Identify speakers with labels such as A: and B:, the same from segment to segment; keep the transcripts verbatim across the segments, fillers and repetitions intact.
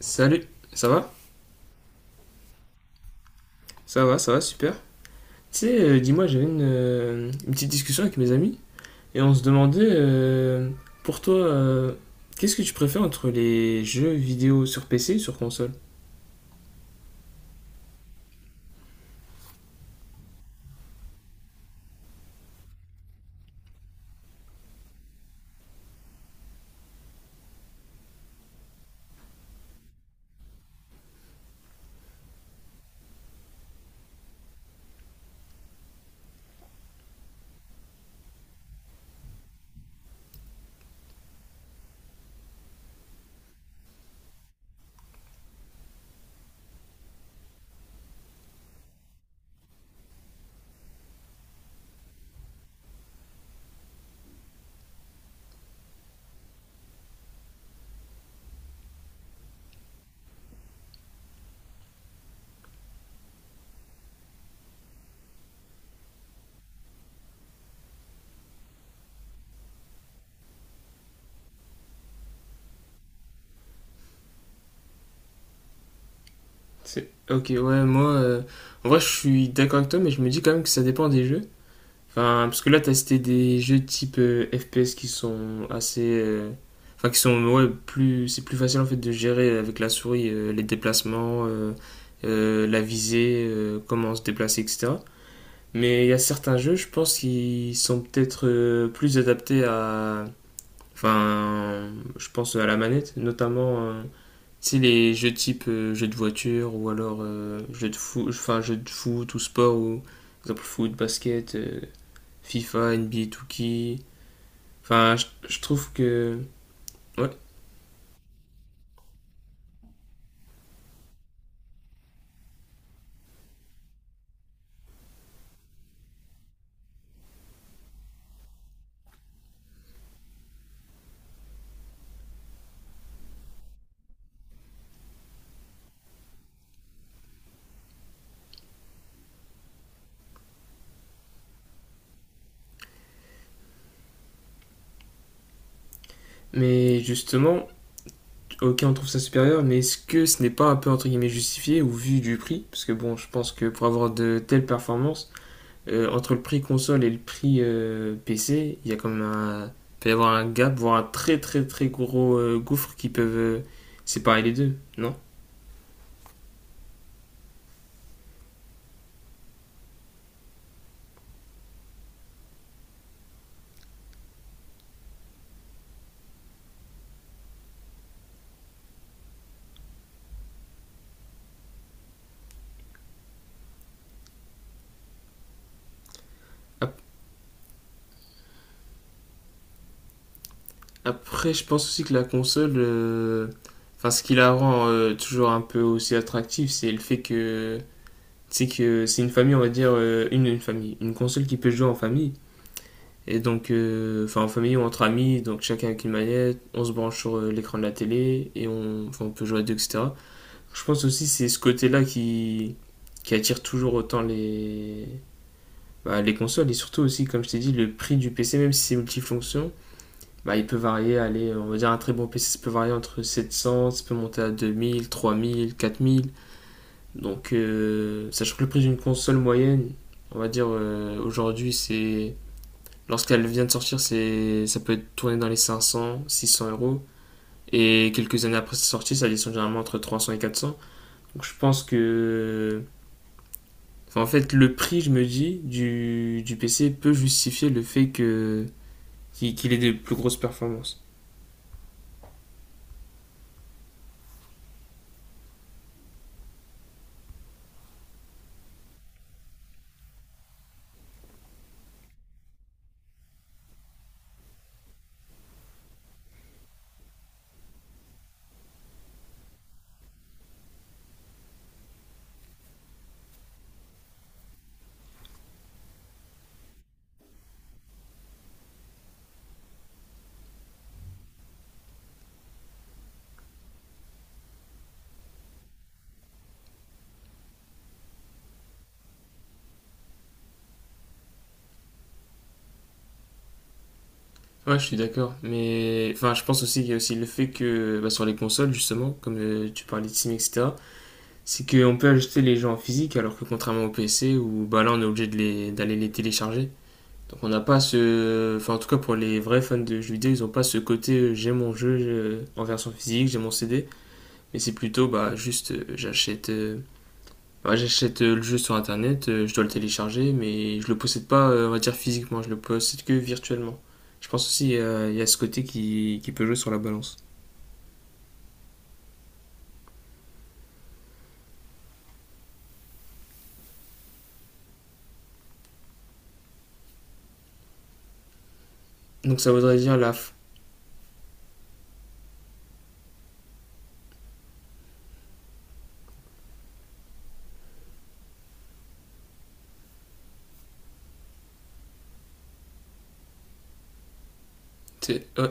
A: Salut, ça va? Ça va, ça va, super. Tu sais, euh, dis-moi, j'avais une, euh, une petite discussion avec mes amis et on se demandait, euh, pour toi, euh, qu'est-ce que tu préfères entre les jeux vidéo sur P C et sur console? C'est- Ok, ouais, moi, euh, en vrai, je suis d'accord avec toi, mais je me dis quand même que ça dépend des jeux. Enfin, parce que là, t'as cité des jeux type euh, F P S qui sont assez... euh, Enfin, qui sont... Ouais, plus. C'est plus facile en fait de gérer avec la souris euh, les déplacements, euh, euh, la visée, euh, comment se déplacer, et cætera. Mais il y a certains jeux, je pense, qui sont peut-être euh, plus adaptés à... Enfin, je pense à la manette, notamment. Euh, tu sais, les jeux type euh, jeux de voiture ou alors euh, jeux de foot, enfin, jeux de foot ou sport ou... Par exemple, foot, basket. euh, FIFA, N B A deux K. Enfin, je, je trouve que... Ouais. Mais justement, ok, on trouve ça supérieur, mais est-ce que ce n'est pas un peu entre guillemets justifié au vu du prix? Parce que bon, je pense que pour avoir de telles performances, euh, entre le prix console et le prix euh, P C, il y a quand même un... Il peut y avoir un gap, voire un très très très gros euh, gouffre qui peuvent euh, séparer les deux, non? Après, je pense aussi que la console... euh, Enfin, ce qui la rend euh, toujours un peu aussi attractive, c'est le fait que c'est que c'est une famille, on va dire, euh, une, une famille, une console qui peut jouer en famille. Et donc, euh, enfin, en famille ou entre amis, donc chacun avec une manette, on se branche sur euh, l'écran de la télé et on, enfin, on peut jouer à deux, et cætera. Je pense aussi que c'est ce côté-là qui, qui attire toujours autant les, bah, les consoles et surtout aussi, comme je t'ai dit, le prix du P C, même si c'est multifonction, bah, il peut varier, allez, on va dire un très bon P C, ça peut varier entre sept cents, ça peut monter à deux mille, trois mille, quatre mille. Donc, euh, sachant que le prix d'une console moyenne, on va dire euh, aujourd'hui, c'est lorsqu'elle vient de sortir, c'est ça peut être tourné dans les cinq cents, six cents euros. Et quelques années après sa sortie, ça descend généralement entre trois cents et quatre cents. Donc je pense que, enfin, en fait, le prix, je me dis, du, du P C peut justifier le fait que qu'il ait des plus grosses performances. Ouais, je suis d'accord. Mais enfin, je pense aussi qu'il y a aussi le fait que bah, sur les consoles, justement, comme euh, tu parlais de Steam, et cætera, c'est qu'on peut acheter les jeux en physique alors que contrairement au P C où bah là on est obligé de les- d'aller les, télécharger. Donc on n'a pas ce... Enfin, en tout cas pour les vrais fans de jeux vidéo, ils n'ont pas ce côté euh, j'ai mon jeu euh, en version physique, j'ai mon C D, mais c'est plutôt bah juste euh, j'achète euh, bah, j'achète euh, le jeu sur internet, euh, je dois le télécharger mais je le possède pas euh, on va dire physiquement, je le possède que virtuellement. Je pense aussi euh, il euh, y a ce côté qui, qui peut jouer sur la balance. Donc ça voudrait dire la... f- c'est- ouais,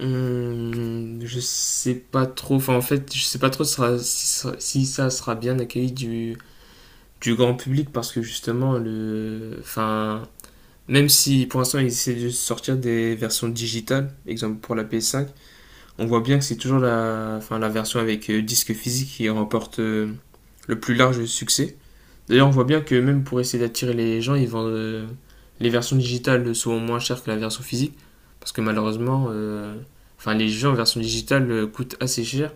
A: Hum, je sais pas trop. Enfin, en fait, je sais pas trop sera- si, ça- si ça sera bien accueilli du, du grand public parce que justement, le, enfin, même si pour l'instant ils essaient de sortir des versions digitales, exemple pour la ps cinq, on voit bien que c'est toujours la, enfin, la version avec euh, disque physique qui remporte euh, le plus large succès. D'ailleurs, on voit bien que même pour essayer d'attirer les gens, ils vendent euh, les versions digitales souvent moins chères que la version physique. Parce que malheureusement, euh, enfin, les jeux en version digitale euh, coûtent assez cher.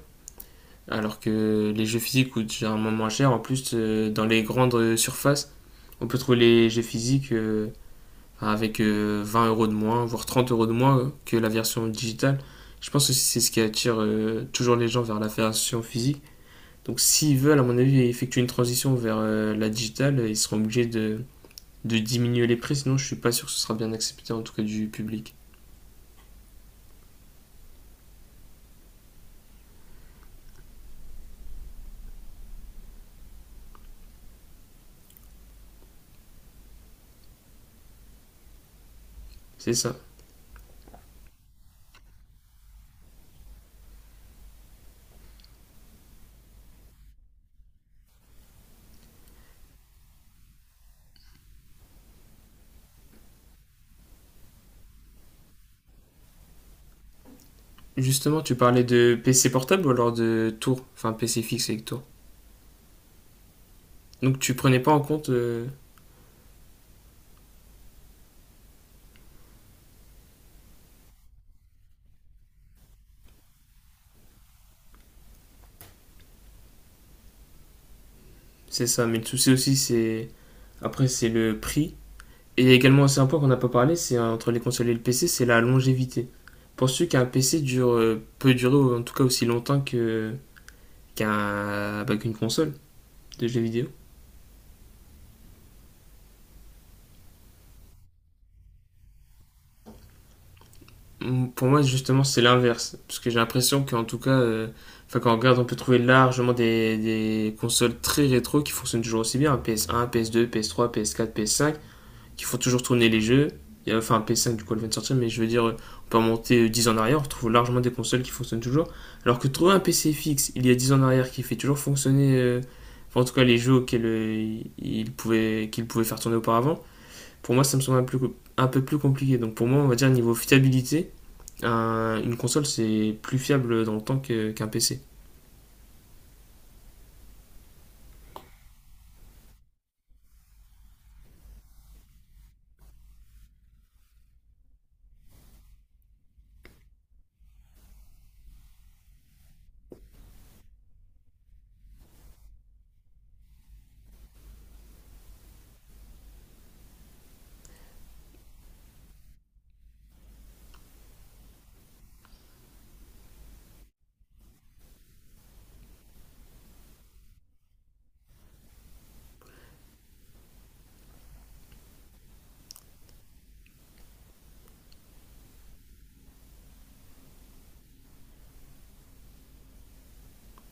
A: Alors que les jeux physiques coûtent généralement moins cher. En plus, euh, dans les grandes euh, surfaces, on peut trouver les jeux physiques euh, enfin, avec euh, vingt euros de moins, voire trente euros de moins euh, que la version digitale. Je pense que c'est ce qui attire euh, toujours les gens vers la version physique. Donc s'ils veulent, à mon avis, effectuer une transition vers euh, la digitale, ils seront obligés de, de diminuer les prix, sinon je suis pas sûr que ce sera bien accepté, en tout cas du public. C'est ça. Justement, tu parlais de P C portable ou alors de tour, enfin P C fixe avec tour. Donc tu prenais pas en compte, euh, c'est ça. Mais le souci aussi, c'est après c'est le prix. Et il y a également aussi un point qu'on n'a pas parlé, c'est euh, entre les consoles et le P C, c'est la longévité. Penses-tu qu'un P C dure, euh, peut durer en tout cas aussi longtemps que qu'un bah, qu'une console de jeux vidéo? Pour moi, justement, c'est l'inverse. Parce que j'ai l'impression qu'en tout cas, euh, enfin, quand on regarde, on peut trouver largement des, des consoles très rétro qui fonctionnent toujours aussi bien. P S un, P S deux, P S trois, P S quatre, ps cinq qui font toujours tourner les jeux. Et, euh, enfin, ps cinq du coup, elle vient de sortir, mais je veux dire, euh, on peut remonter euh, dix ans en arrière, on retrouve largement des consoles qui fonctionnent toujours. Alors que trouver un P C fixe il y a dix ans en arrière qui fait toujours fonctionner, euh, enfin, en tout cas, les jeux auxquels euh, il pouvait, qu'il pouvait faire tourner auparavant, pour moi, ça me semble un, plus- un peu plus compliqué. Donc, pour moi, on va dire, niveau fiabilité, un- une console, c'est plus fiable dans le temps que- qu'un P C.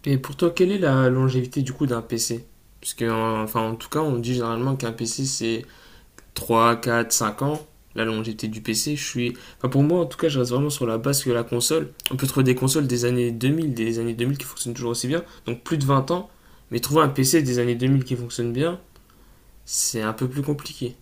A: Et pour toi, quelle est la longévité du coup d'un P C? Parce que, euh, enfin, en tout cas, on dit généralement qu'un P C, c'est trois quatre cinq ans. La longévité du P C, je suis... Enfin, pour moi, en tout cas, je reste vraiment sur la base que la console. On peut trouver des consoles des années deux mille des années deux mille qui fonctionnent toujours aussi bien, donc plus de vingt ans. Mais trouver un P C des années deux mille qui fonctionne bien, c'est un peu plus compliqué.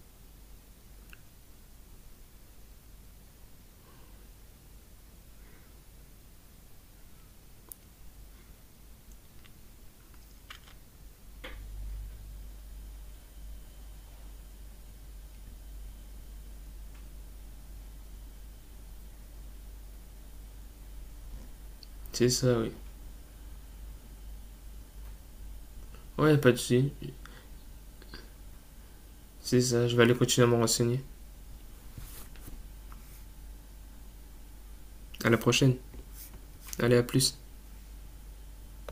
A: C'est ça, oui. Ouais, pas de souci. C'est ça, je vais aller continuer à me renseigner. À la prochaine. Allez, à plus.